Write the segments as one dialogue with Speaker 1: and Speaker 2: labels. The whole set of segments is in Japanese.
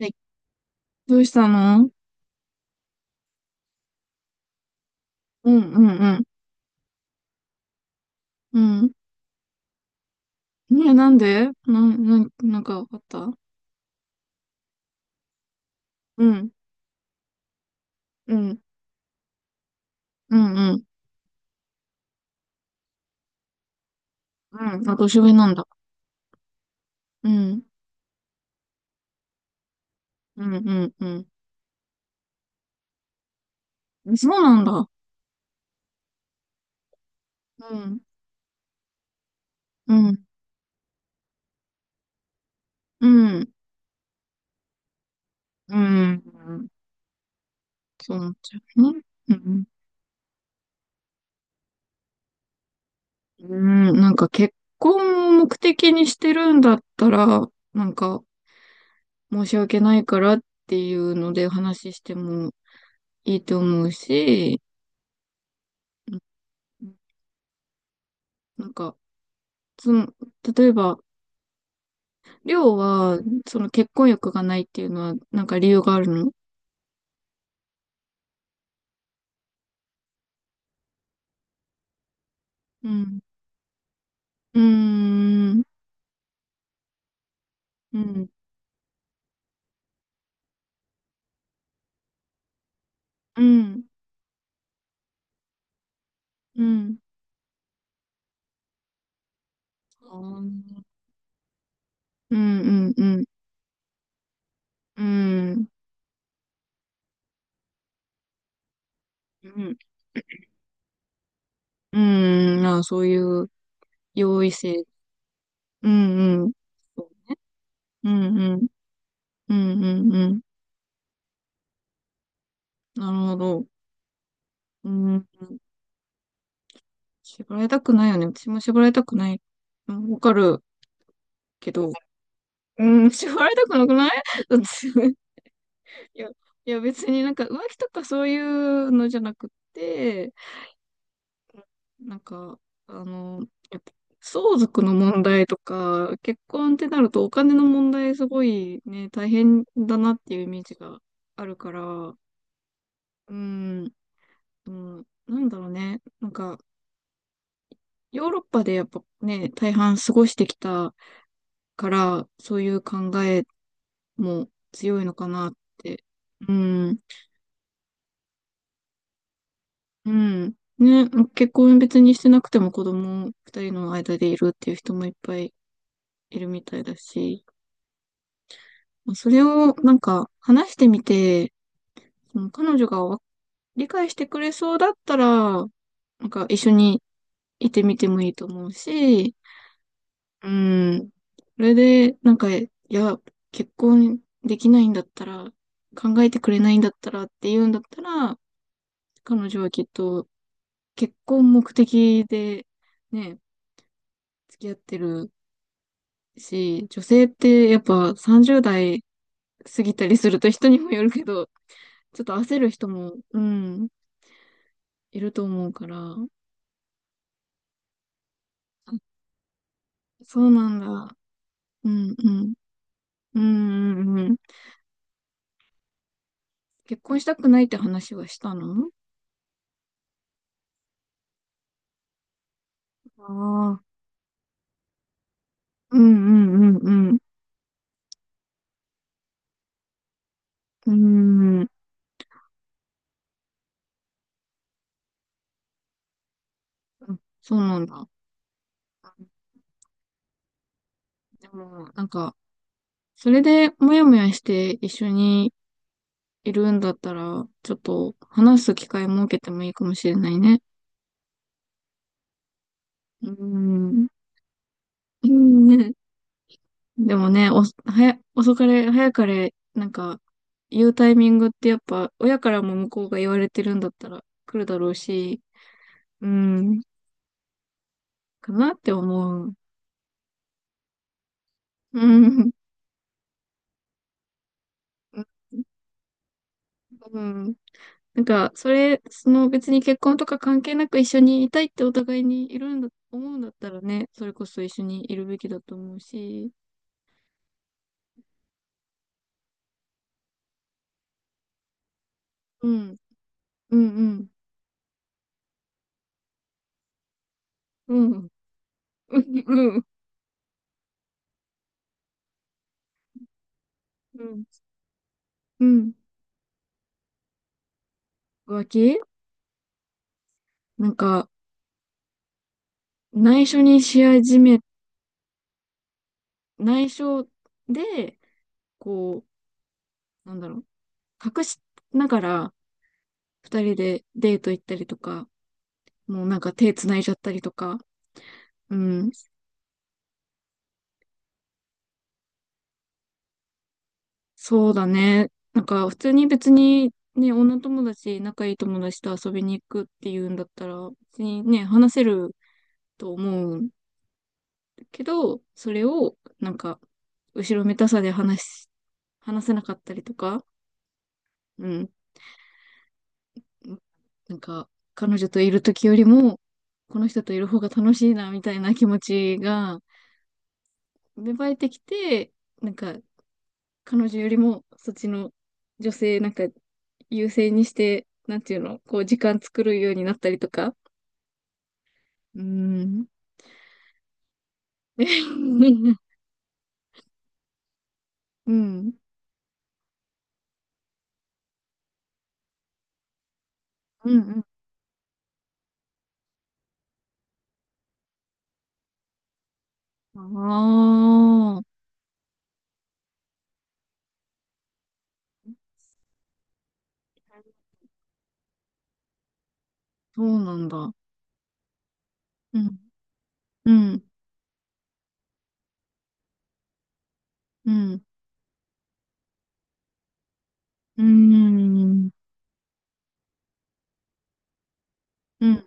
Speaker 1: え、どうしたの。うんうんうん。うん。ねえ、なんでなんかあった。うん。うん。うんうん。うん。あ、年上なんだ。うん。うんうんうん。そうなんだ。うん。うん。うん。うん。そうなっちゃうね。うん。うん。うんなんか結婚を目的にしてるんだったら、なんか申し訳ないからっていうので話してもいいと思うし、うんなんかその、例えば、りょうは、その結婚欲がないっていうのは、なんか理由があるの。うん。うーん。うん。うん。うん。あーうん。うん。うん。うん。うん。うん。ああ、そういう容易性。うん。うん。うん。うん。うん。うんうんなるほど。うん。縛られたくないよね。私も縛られたくない。うんわかるけど。うん。縛られたくなくない。 いや、いや別になんか浮気とかそういうのじゃなくって、なんか、あの、やっぱ相続の問題とか、結婚ってなるとお金の問題すごいね、大変だなっていうイメージがあるから、うん、うん、なんだろうね、なんか、ヨーロッパでやっぱね、大半過ごしてきたから、そういう考えも強いのかなって。うん。うん。ね、ま結婚別にしてなくても子供二人の間でいるっていう人もいっぱいいるみたいだし、まあそれをなんか話してみて、その彼女が理解してくれそうだったら、なんか一緒にいてみてもいいと思うし、うん。それで、なんか、いや、結婚できないんだったら、考えてくれないんだったらって言うんだったら、彼女はきっと結婚目的でね、付き合ってるし、女性ってやっぱ30代過ぎたりすると人にもよるけど、ちょっと焦る人も、うん、いると思うから。あそうなんだ。うん、うん。うん、うん、うん。結婚したくないって話はしたの。ああ、うん、うん、うん、うん。うん、うんそうなんだ。でも、なんか、それでもやもやして一緒にいるんだったら、ちょっと話す機会設けてもいいかもしれないね。うん。うんでもね、遅かれ、早かれ、なんか、言うタイミングってやっぱ、親からも向こうが言われてるんだったら来るだろうし、うん、かなって思う。うん。うん。なんか、それ、その別に結婚とか関係なく一緒にいたいってお互いにいるんだ、思うんだったらね、それこそ一緒にいるべきだと思うし、うん、うん、うん、うん、うん、うん、うん。浮気。なんか、内緒にし始め内緒で、こう、なんだろう、隠しながら二人でデート行ったりとか、もうなんか手繋いじゃったりとか、うん、そうだね。なんか普通に別にね、女友達、仲いい友達と遊びに行くっていうんだったら、別にね、話せると思うけど、それをなんか、後ろめたさで話し、話せなかったりとか、うんなんか、彼女といる時よりも、この人といる方が楽しいな、みたいな気持ちが芽生えてきて、なんか、彼女よりも、そっちの女性、なんか、優先にして、なんていうの、こう、時間作るようになったりとか。うーん。うん。うん。ああー、そうなんだ。うん。うん。うん。うーん。うん。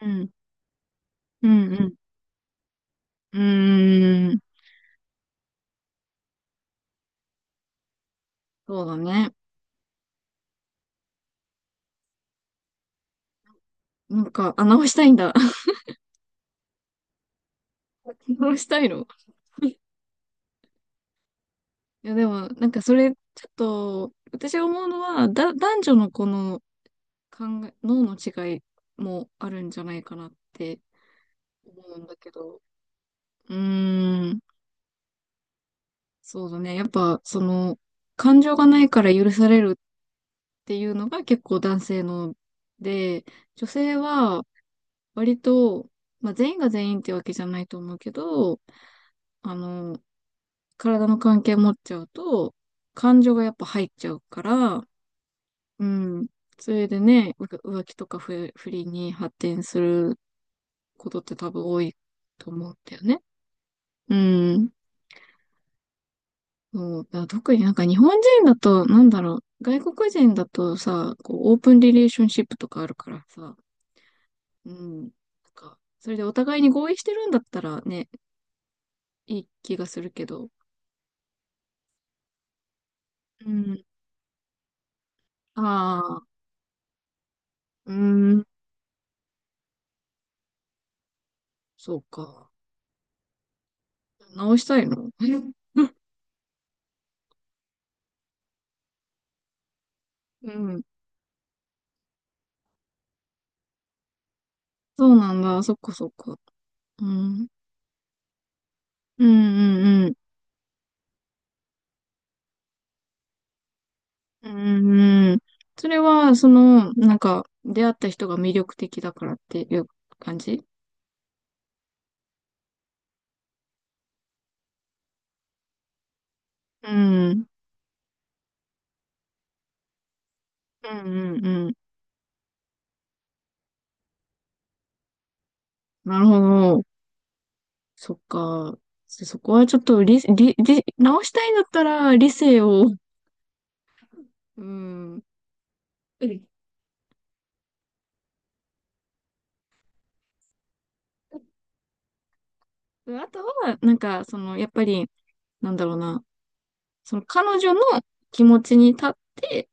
Speaker 1: うん。うん。うん。うーん。そうだね。なんか、あ、直したいんだ。直したいの。いや、でも、なんかそれ、ちょっと、私が思うのは、男女のこの考え、脳の違いもあるんじゃないかなって思うんだけど、うーん、そうだね。やっぱ、その、感情がないから許されるっていうのが結構男性ので、女性は割と、まあ全員が全員ってわけじゃないと思うけど、あの、体の関係持っちゃうと、感情がやっぱ入っちゃうから、うん。それでね、浮気とか不倫に発展することって多分多いと思うんだよね。うん。そう、だから特になんか日本人だと、なんだろう、外国人だとさ、こう、オープンリレーションシップとかあるからさ、うん。なんか、それでお互いに合意してるんだったらね、いい気がするけど。うん。ああ、うん、そうか。直したいの。 うん。そうなんだ。そっかそっか。うん。うんうんうん。うんうん。それは、その、なんか、出会った人が魅力的だからっていう感じ。うん。うんうんうん。なるほど。そっか。そこはちょっと理、理、理、直したいんだったら理性を。うん。うんあとは、なんか、その、やっぱり、なんだろうな。その彼女の気持ちに立って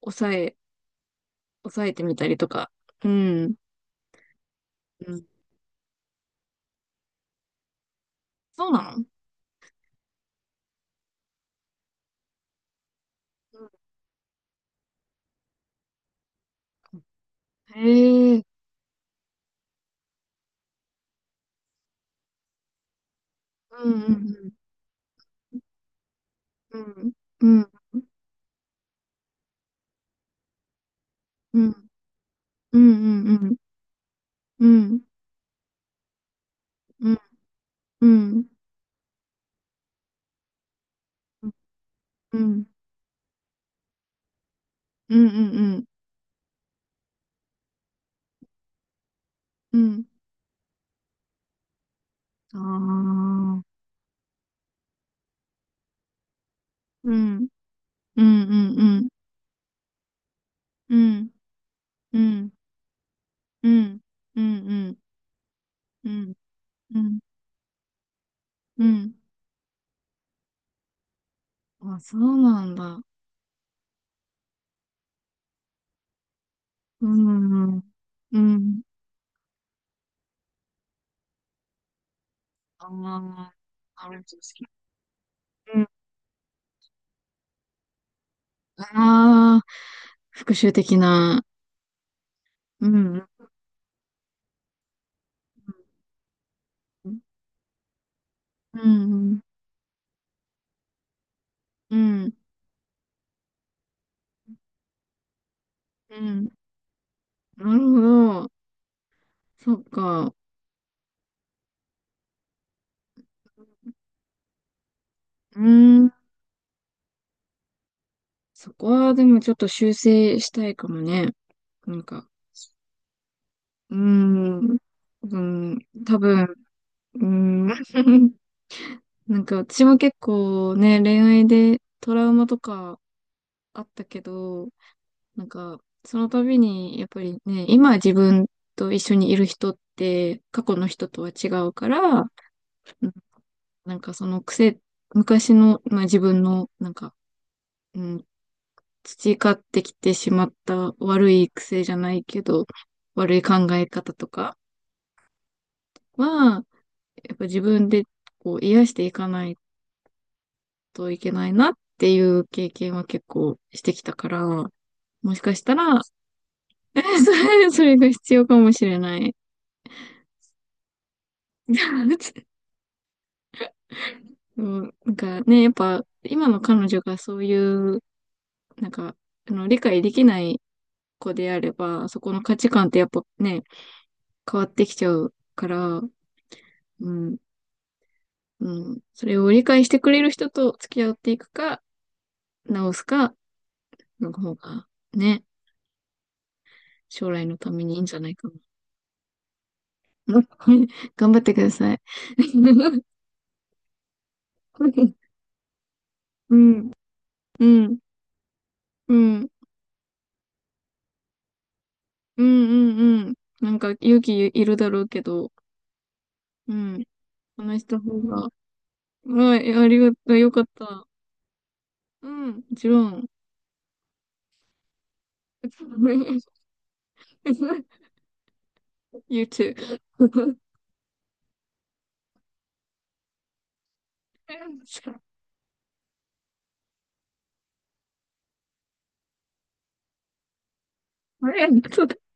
Speaker 1: 抑え抑えてみたりとか。うん。うん。そうなの。うんへえ。うんうんうん。うんうんうんうんうんうんうんうんうんうんうんうんああ。うんうんうんうんうんうんうんうんうんうんうんうんあ、そうなんだ。うんうんうん。ああ、なるほど。ああ、復讐的な。うん、うん、うん、うん、うん。なるほど。そっか。うん。そこはでもちょっと修正したいかもね。なんか、うん、うん、多分、うん、なんか私も結構ね、恋愛でトラウマとかあったけど、なんか、その度に、やっぱりね、今自分と一緒にいる人って、過去の人とは違うから、うんなんかその癖、昔の、まあ、自分の、なんか、うん、培ってきてしまった悪い癖じゃないけど、悪い考え方とかは、やっぱ自分でこう癒していかないといけないなっていう経験は結構してきたから、もしかしたら、そそれが必要かもしれない。うん、なんかね、やっぱ今の彼女がそういう、なんか、あの、理解できない子であれば、そこの価値観ってやっぱね、変わってきちゃうから、うん、うん、それを理解してくれる人と付き合っていくか、直すか、の方が、ね、将来のためにいいんじゃないかな。うん。 頑張ってください。うん、うん、うん、うん、うん、うん。なんか勇気いるだろうけど、うん、話した方が、はい、ありがとう。よかった。うん、もちろん。You too. ありがとう。